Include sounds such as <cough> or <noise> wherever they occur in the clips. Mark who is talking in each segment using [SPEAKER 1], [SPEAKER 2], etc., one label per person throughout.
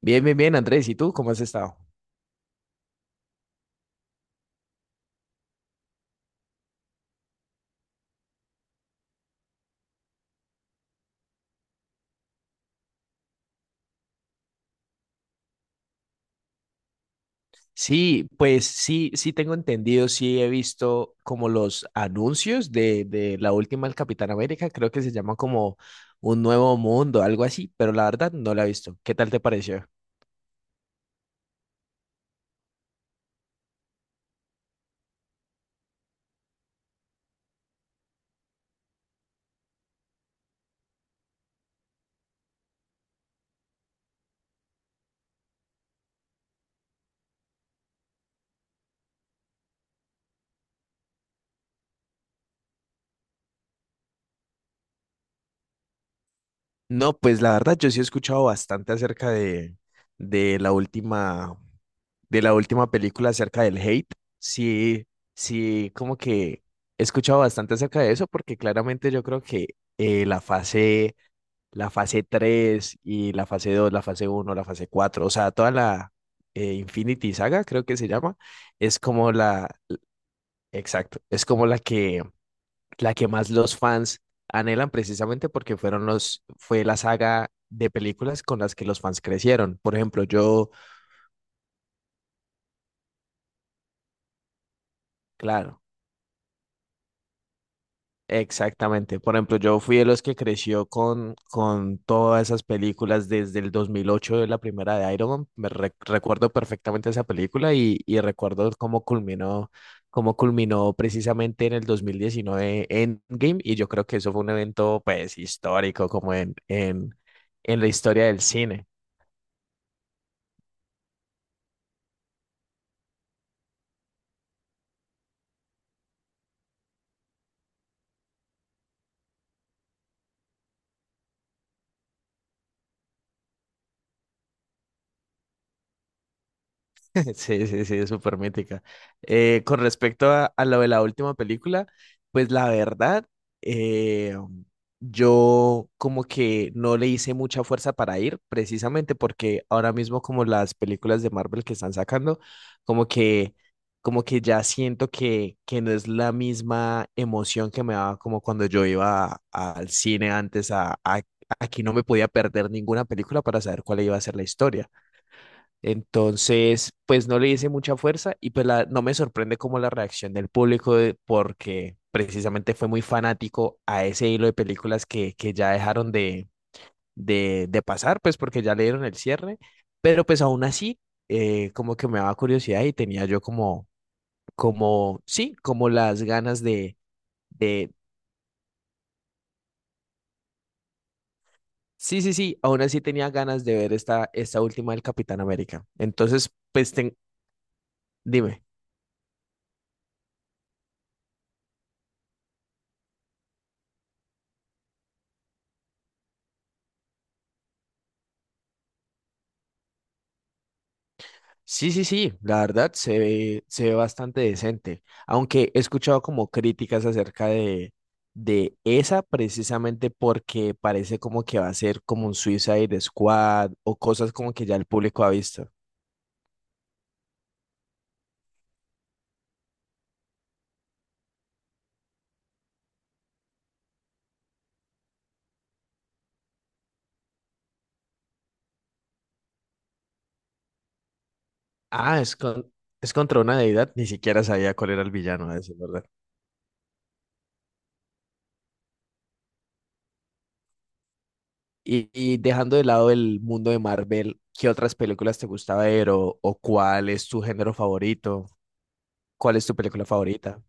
[SPEAKER 1] Bien, bien, bien, Andrés. ¿Y tú cómo has estado? Sí, pues sí, sí tengo entendido, sí he visto como los anuncios de la última del Capitán América, creo que se llama como Un Nuevo Mundo, algo así, pero la verdad no la he visto. ¿Qué tal te pareció? No, pues la verdad yo sí he escuchado bastante de la última, de la última película acerca del hate. Sí, sí, como que he escuchado bastante acerca de eso porque claramente yo creo que eh, la fase la fase 3 y la fase dos, la fase uno, la fase cuatro, o sea, toda la Infinity Saga, creo que se llama, es como la, exacto, es como la que más los fans anhelan precisamente porque fue la saga de películas con las que los fans crecieron. Por ejemplo, yo, claro, exactamente. Por ejemplo, yo fui de los que creció con todas esas películas desde el 2008 de la primera de Iron Man. Recuerdo perfectamente esa película y recuerdo cómo culminó precisamente en el 2019, Endgame. Y yo creo que eso fue un evento pues histórico como en la historia del cine. <laughs> Sí, sí, sí, es súper mítica. Con respecto a lo de la última película, pues la verdad, eh, yo como que no le hice mucha fuerza para ir, precisamente porque ahora mismo como las películas de Marvel que están sacando, como que, como que ya siento que no es la misma emoción que me daba como cuando yo iba al cine antes a aquí no me podía perder ninguna película para saber cuál iba a ser la historia. Entonces, pues no le hice mucha fuerza y pues no me sorprende como la reacción del público porque precisamente fue muy fanático a ese hilo de películas que ya dejaron de pasar, pues porque ya le dieron el cierre, pero pues aún así, como que me daba curiosidad y tenía yo como, como, sí, como las ganas de, sí, sí, sí, aún así tenía ganas de ver esta, esta última del Capitán América. Entonces, pues dime. Sí, sí, sí, la verdad se ve bastante decente, aunque he escuchado como críticas acerca de esa precisamente porque parece como que va a ser como un Suicide Squad o cosas como que ya el público ha visto. Ah, es, con, es contra una deidad, ni siquiera sabía cuál era el villano, a decir verdad. Y dejando de lado el mundo de Marvel, ¿qué otras películas te gusta ver o cuál es tu género favorito? ¿Cuál es tu película favorita?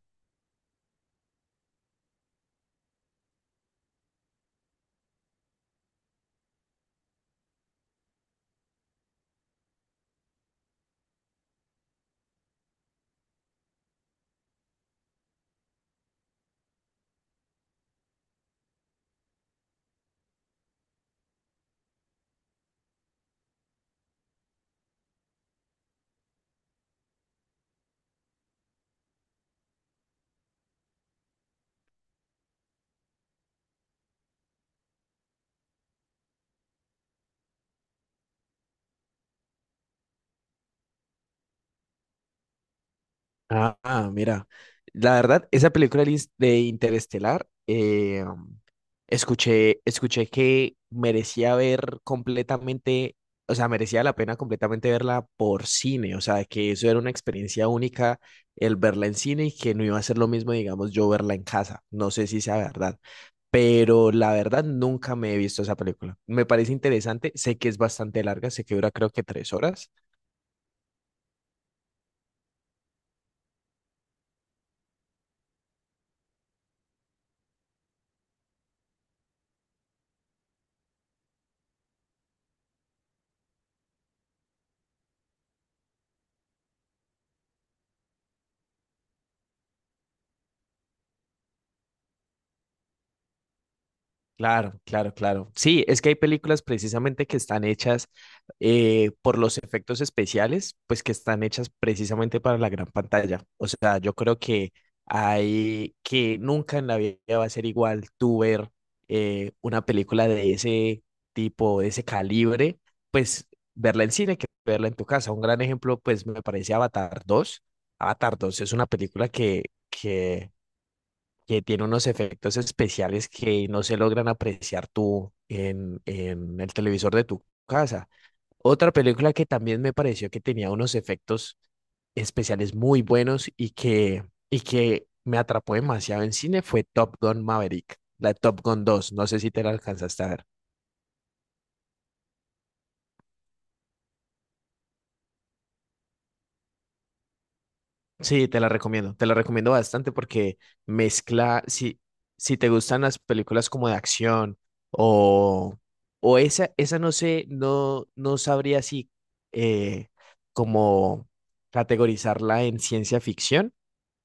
[SPEAKER 1] Ah, ah, mira, la verdad, esa película de Interestelar, escuché, escuché que merecía ver completamente, o sea, merecía la pena completamente verla por cine, o sea, que eso era una experiencia única el verla en cine y que no iba a ser lo mismo, digamos, yo verla en casa. No sé si sea verdad, pero la verdad nunca me he visto esa película. Me parece interesante, sé que es bastante larga, sé que dura creo que 3 horas. Claro, claro, claro. Sí, es que hay películas precisamente que están hechas por los efectos especiales, pues que están hechas precisamente para la gran pantalla. O sea, yo creo que hay que nunca en la vida va a ser igual tú ver una película de ese tipo, de ese calibre, pues verla en cine que verla en tu casa. Un gran ejemplo, pues me parece Avatar dos. Avatar dos es una película que que tiene unos efectos especiales que no se logran apreciar tú en el televisor de tu casa. Otra película que también me pareció que tenía unos efectos especiales muy buenos y que me atrapó demasiado en cine fue Top Gun Maverick, la Top Gun dos. No sé si te la alcanzaste a ver. Sí, te la recomiendo bastante porque mezcla, si, si te gustan las películas como de acción o, o esa no sé, no, no sabría si eh, como categorizarla en ciencia ficción,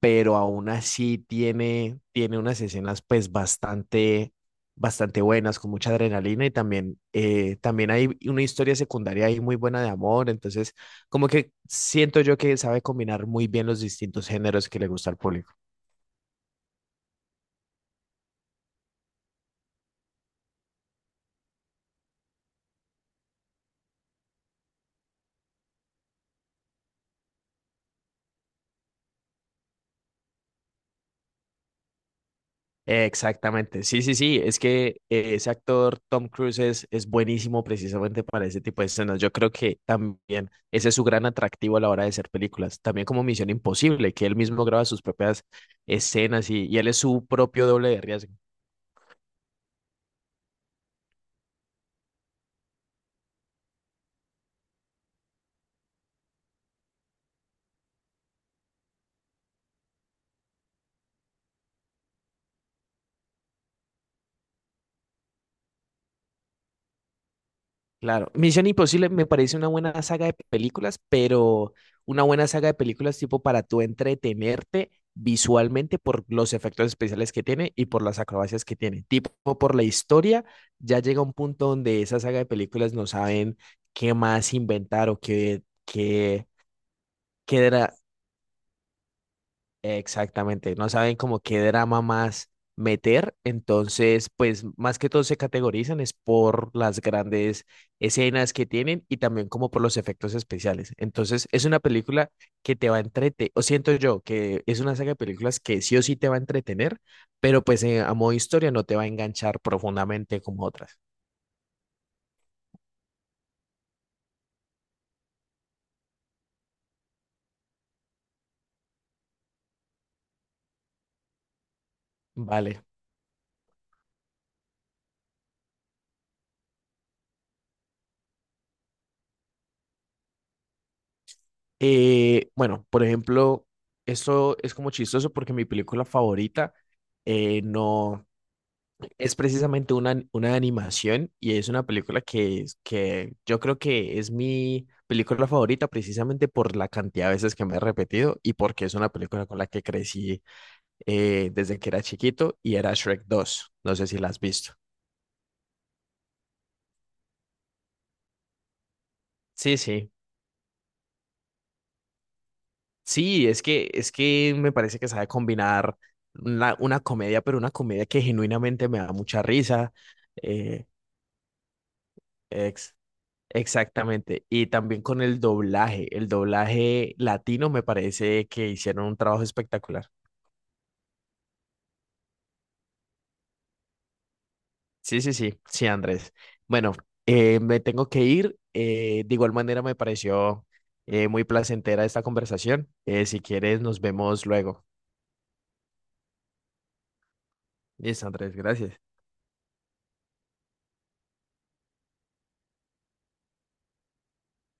[SPEAKER 1] pero aún así tiene, tiene unas escenas pues bastante, bastante buenas, con mucha adrenalina y también, también hay una historia secundaria ahí muy buena de amor, entonces... Como que siento yo que sabe combinar muy bien los distintos géneros que le gusta al público. Exactamente, sí, sí, sí, es que ese actor Tom Cruise es buenísimo precisamente para ese tipo de escenas. Yo creo que también ese es su gran atractivo a la hora de hacer películas. También como Misión Imposible, que él mismo graba sus propias escenas y él es su propio doble de riesgo. Claro, Misión Imposible me parece una buena saga de películas, pero una buena saga de películas tipo para tú entretenerte visualmente por los efectos especiales que tiene y por las acrobacias que tiene. Tipo por la historia, ya llega un punto donde esa saga de películas no saben qué más inventar o qué, qué, qué dra- exactamente, no saben como qué drama más meter, entonces pues más que todo se categorizan es por las grandes escenas que tienen y también como por los efectos especiales. Entonces es una película que te va a entretener, o siento yo que es una saga de películas que sí o sí te va a entretener, pero pues a modo historia no te va a enganchar profundamente como otras. Vale. Bueno, por ejemplo, esto es como chistoso porque mi película favorita no, es precisamente una animación y es una película que, que yo creo que es mi película favorita precisamente por la cantidad de veces que me he repetido y porque es una película con la que crecí desde que era chiquito y era Shrek dos. No sé si la has visto. Sí, sí. Sí, es que me parece que sabe combinar una comedia, pero una comedia que genuinamente me da mucha risa. eh, ex- Exactamente. Y también con el doblaje. El doblaje latino me parece que hicieron un trabajo espectacular. Sí, sí, sí, sí, Andrés. Bueno, me tengo que ir. De igual manera me pareció muy placentera esta conversación. Si quieres, nos vemos luego. Listo, Andrés, gracias.